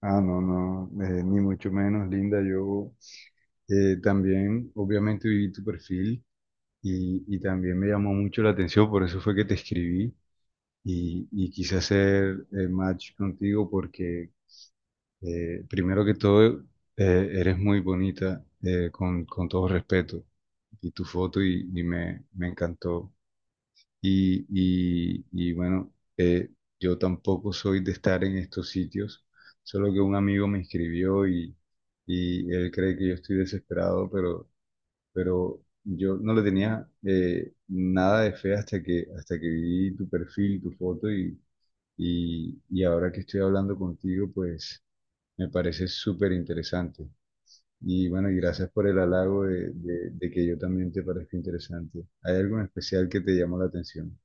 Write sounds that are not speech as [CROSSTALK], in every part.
Ah, no, no, ni mucho menos, Linda. Yo también, obviamente, vi tu perfil y también me llamó mucho la atención, por eso fue que te escribí y quise hacer match contigo porque, primero que todo, eres muy bonita, con todo respeto, y tu foto y, y me encantó. Y bueno, yo tampoco soy de estar en estos sitios, solo que un amigo me escribió y él cree que yo estoy desesperado, pero yo no le tenía nada de fe hasta que vi tu perfil, tu foto y ahora que estoy hablando contigo, pues me parece súper interesante. Y bueno, y gracias por el halago de, de que yo también te parezca interesante. ¿Hay algo en especial que te llamó la atención?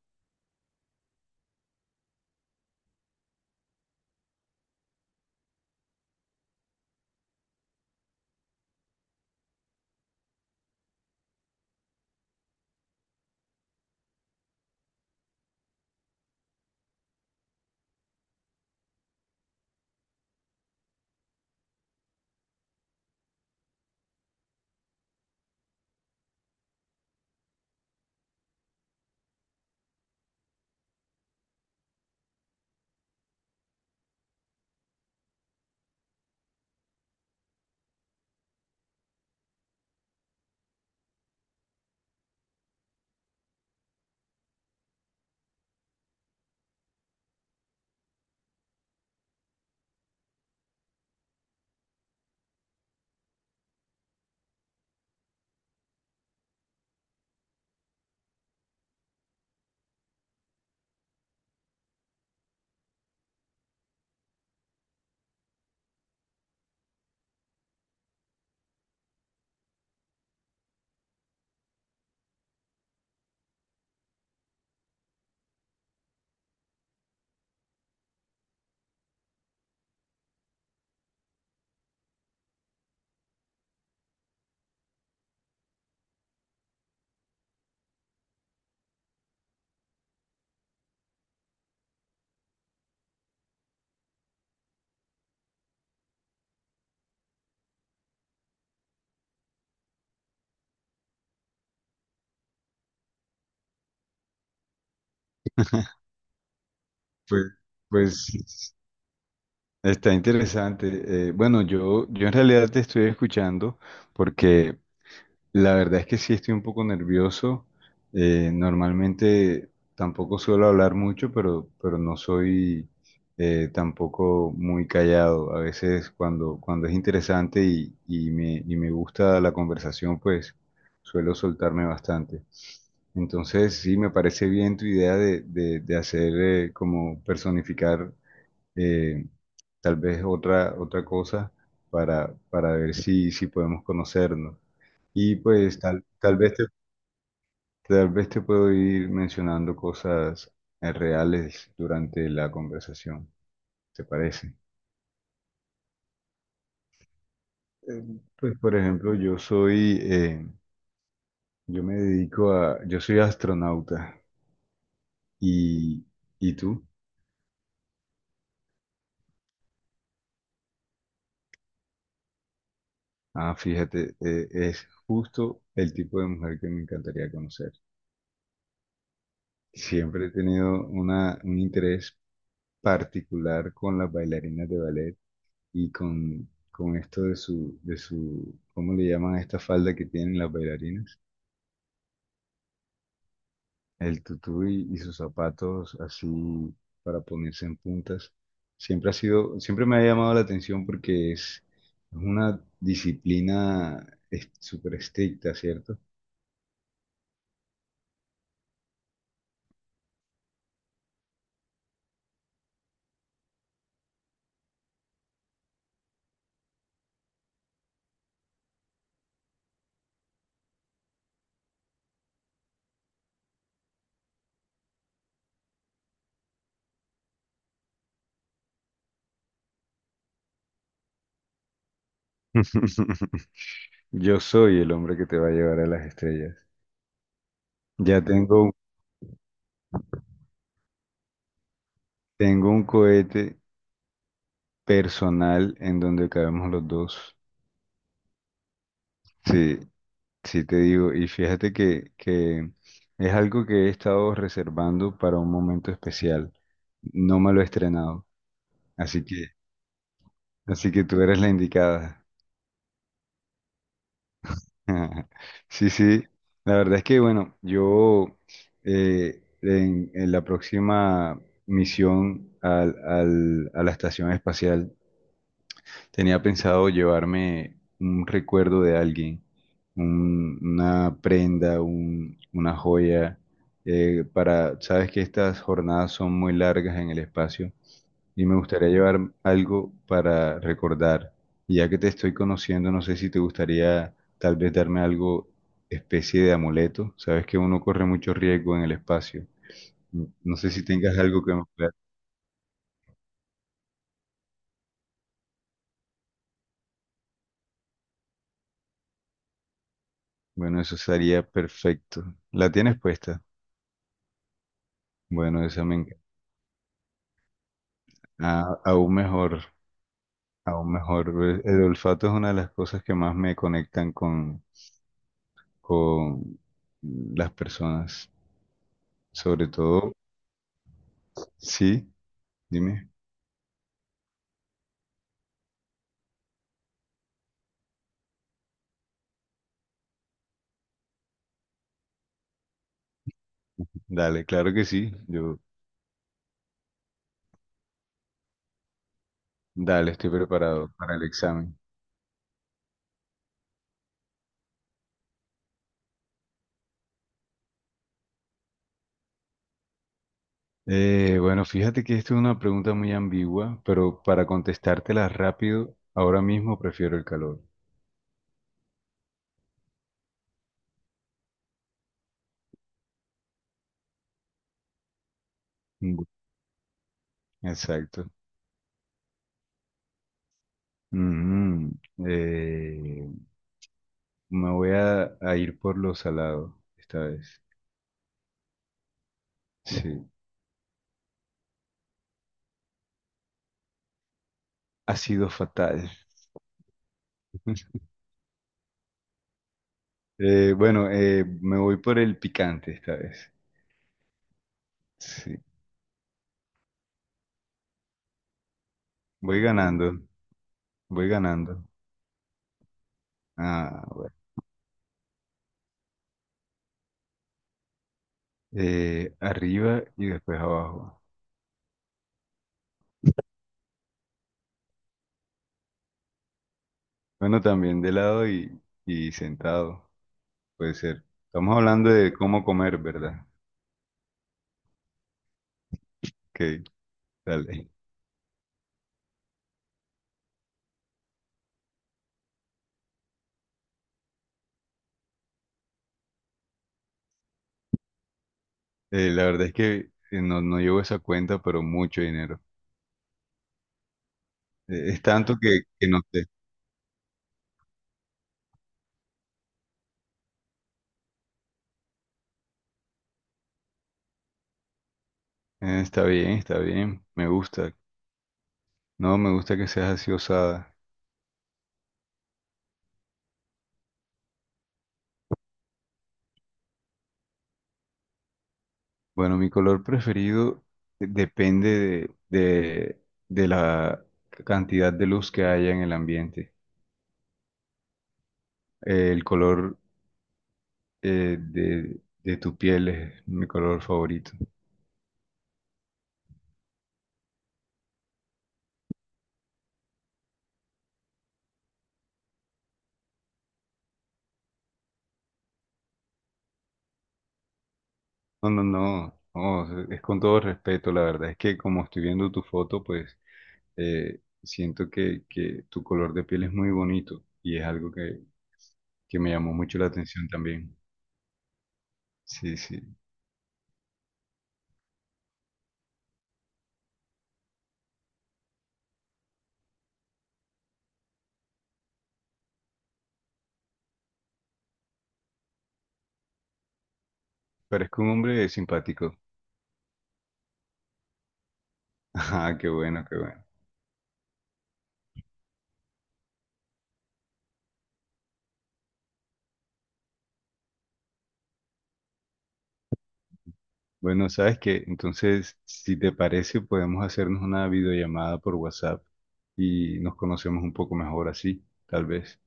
Pues, pues está interesante. Bueno, yo en realidad te estoy escuchando porque la verdad es que sí estoy un poco nervioso. Normalmente tampoco suelo hablar mucho, pero no soy tampoco muy callado. A veces cuando es interesante y, y me gusta la conversación, pues suelo soltarme bastante. Entonces, sí, me parece bien tu idea de hacer como personificar, eh, tal vez otra cosa para ver si, si podemos conocernos. Y pues tal vez te puedo ir mencionando cosas reales durante la conversación, ¿te parece? Eh, Pues por ejemplo, yo me dedico a, yo soy astronauta y, ¿y tú? Ah, fíjate, es justo el tipo de mujer que me encantaría conocer. Siempre he tenido una, un interés particular con las bailarinas de ballet y con esto de su, ¿cómo le llaman a esta falda que tienen las bailarinas? El tutú y sus zapatos así para ponerse en puntas. Siempre ha sido, siempre me ha llamado la atención porque es una disciplina es- súper estricta, ¿cierto? [LAUGHS] Yo soy el hombre que te va a llevar a las estrellas. Ya tengo, tengo un cohete personal en donde cabemos los dos. Sí, sí te digo, y fíjate que es algo que he estado reservando para un momento especial. No me lo he estrenado, así que, así que tú eres la indicada. [LAUGHS] Sí, sí, la verdad es que, bueno, yo en la próxima misión a la estación espacial, tenía pensado llevarme un recuerdo de alguien, una prenda, una joya, para, sabes que estas jornadas son muy largas en el espacio y me gustaría llevar algo para recordar. Y ya que te estoy conociendo, no sé si te gustaría tal vez darme algo, especie de amuleto. Sabes que uno corre mucho riesgo en el espacio. No sé si tengas algo que me pueda- Bueno, eso sería perfecto. ¿La tienes puesta? Bueno, esa me... Ah, aún mejor, aún mejor. El olfato es una de las cosas que más me conectan con las personas. Sobre todo, sí, dime, dale, claro que sí. Yo, dale, estoy preparado para el examen. Bueno, fíjate que esta es una pregunta muy ambigua, pero para contestártela rápido, ahora mismo prefiero el calor. Mm, exacto. Mm, eh, me voy a ir por lo salado esta vez. Sí. Ha sido fatal. [LAUGHS] Bueno, me voy por el picante esta vez. Sí, voy ganando, voy ganando. Ah, bueno. Arriba y después abajo. Bueno, también de lado y sentado, puede ser. Estamos hablando de cómo comer, ¿verdad? Ok, dale. La verdad es que no, no llevo esa cuenta, pero mucho dinero. Es tanto que no sé. Está bien, me gusta. No, me gusta que seas así osada. Bueno, mi color preferido depende de, de- de la cantidad de luz que haya en el ambiente. El color de tu piel es mi color favorito. No, no, no, no, es con todo respeto, la verdad es que como estoy viendo tu foto, pues siento que tu color de piel es muy bonito y es algo que me llamó mucho la atención también. Sí, sí, parezco un hombre simpático. [LAUGHS] Ah, qué bueno, qué bueno. Bueno, sabes que entonces, si te parece, podemos hacernos una videollamada por WhatsApp y nos conocemos un poco mejor así, tal vez.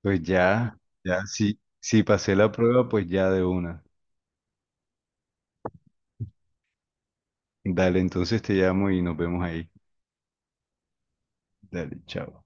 Pues ya, ya, si, si pasé la prueba, pues ya de una. Dale, entonces te llamo y nos vemos ahí. Dale, chao.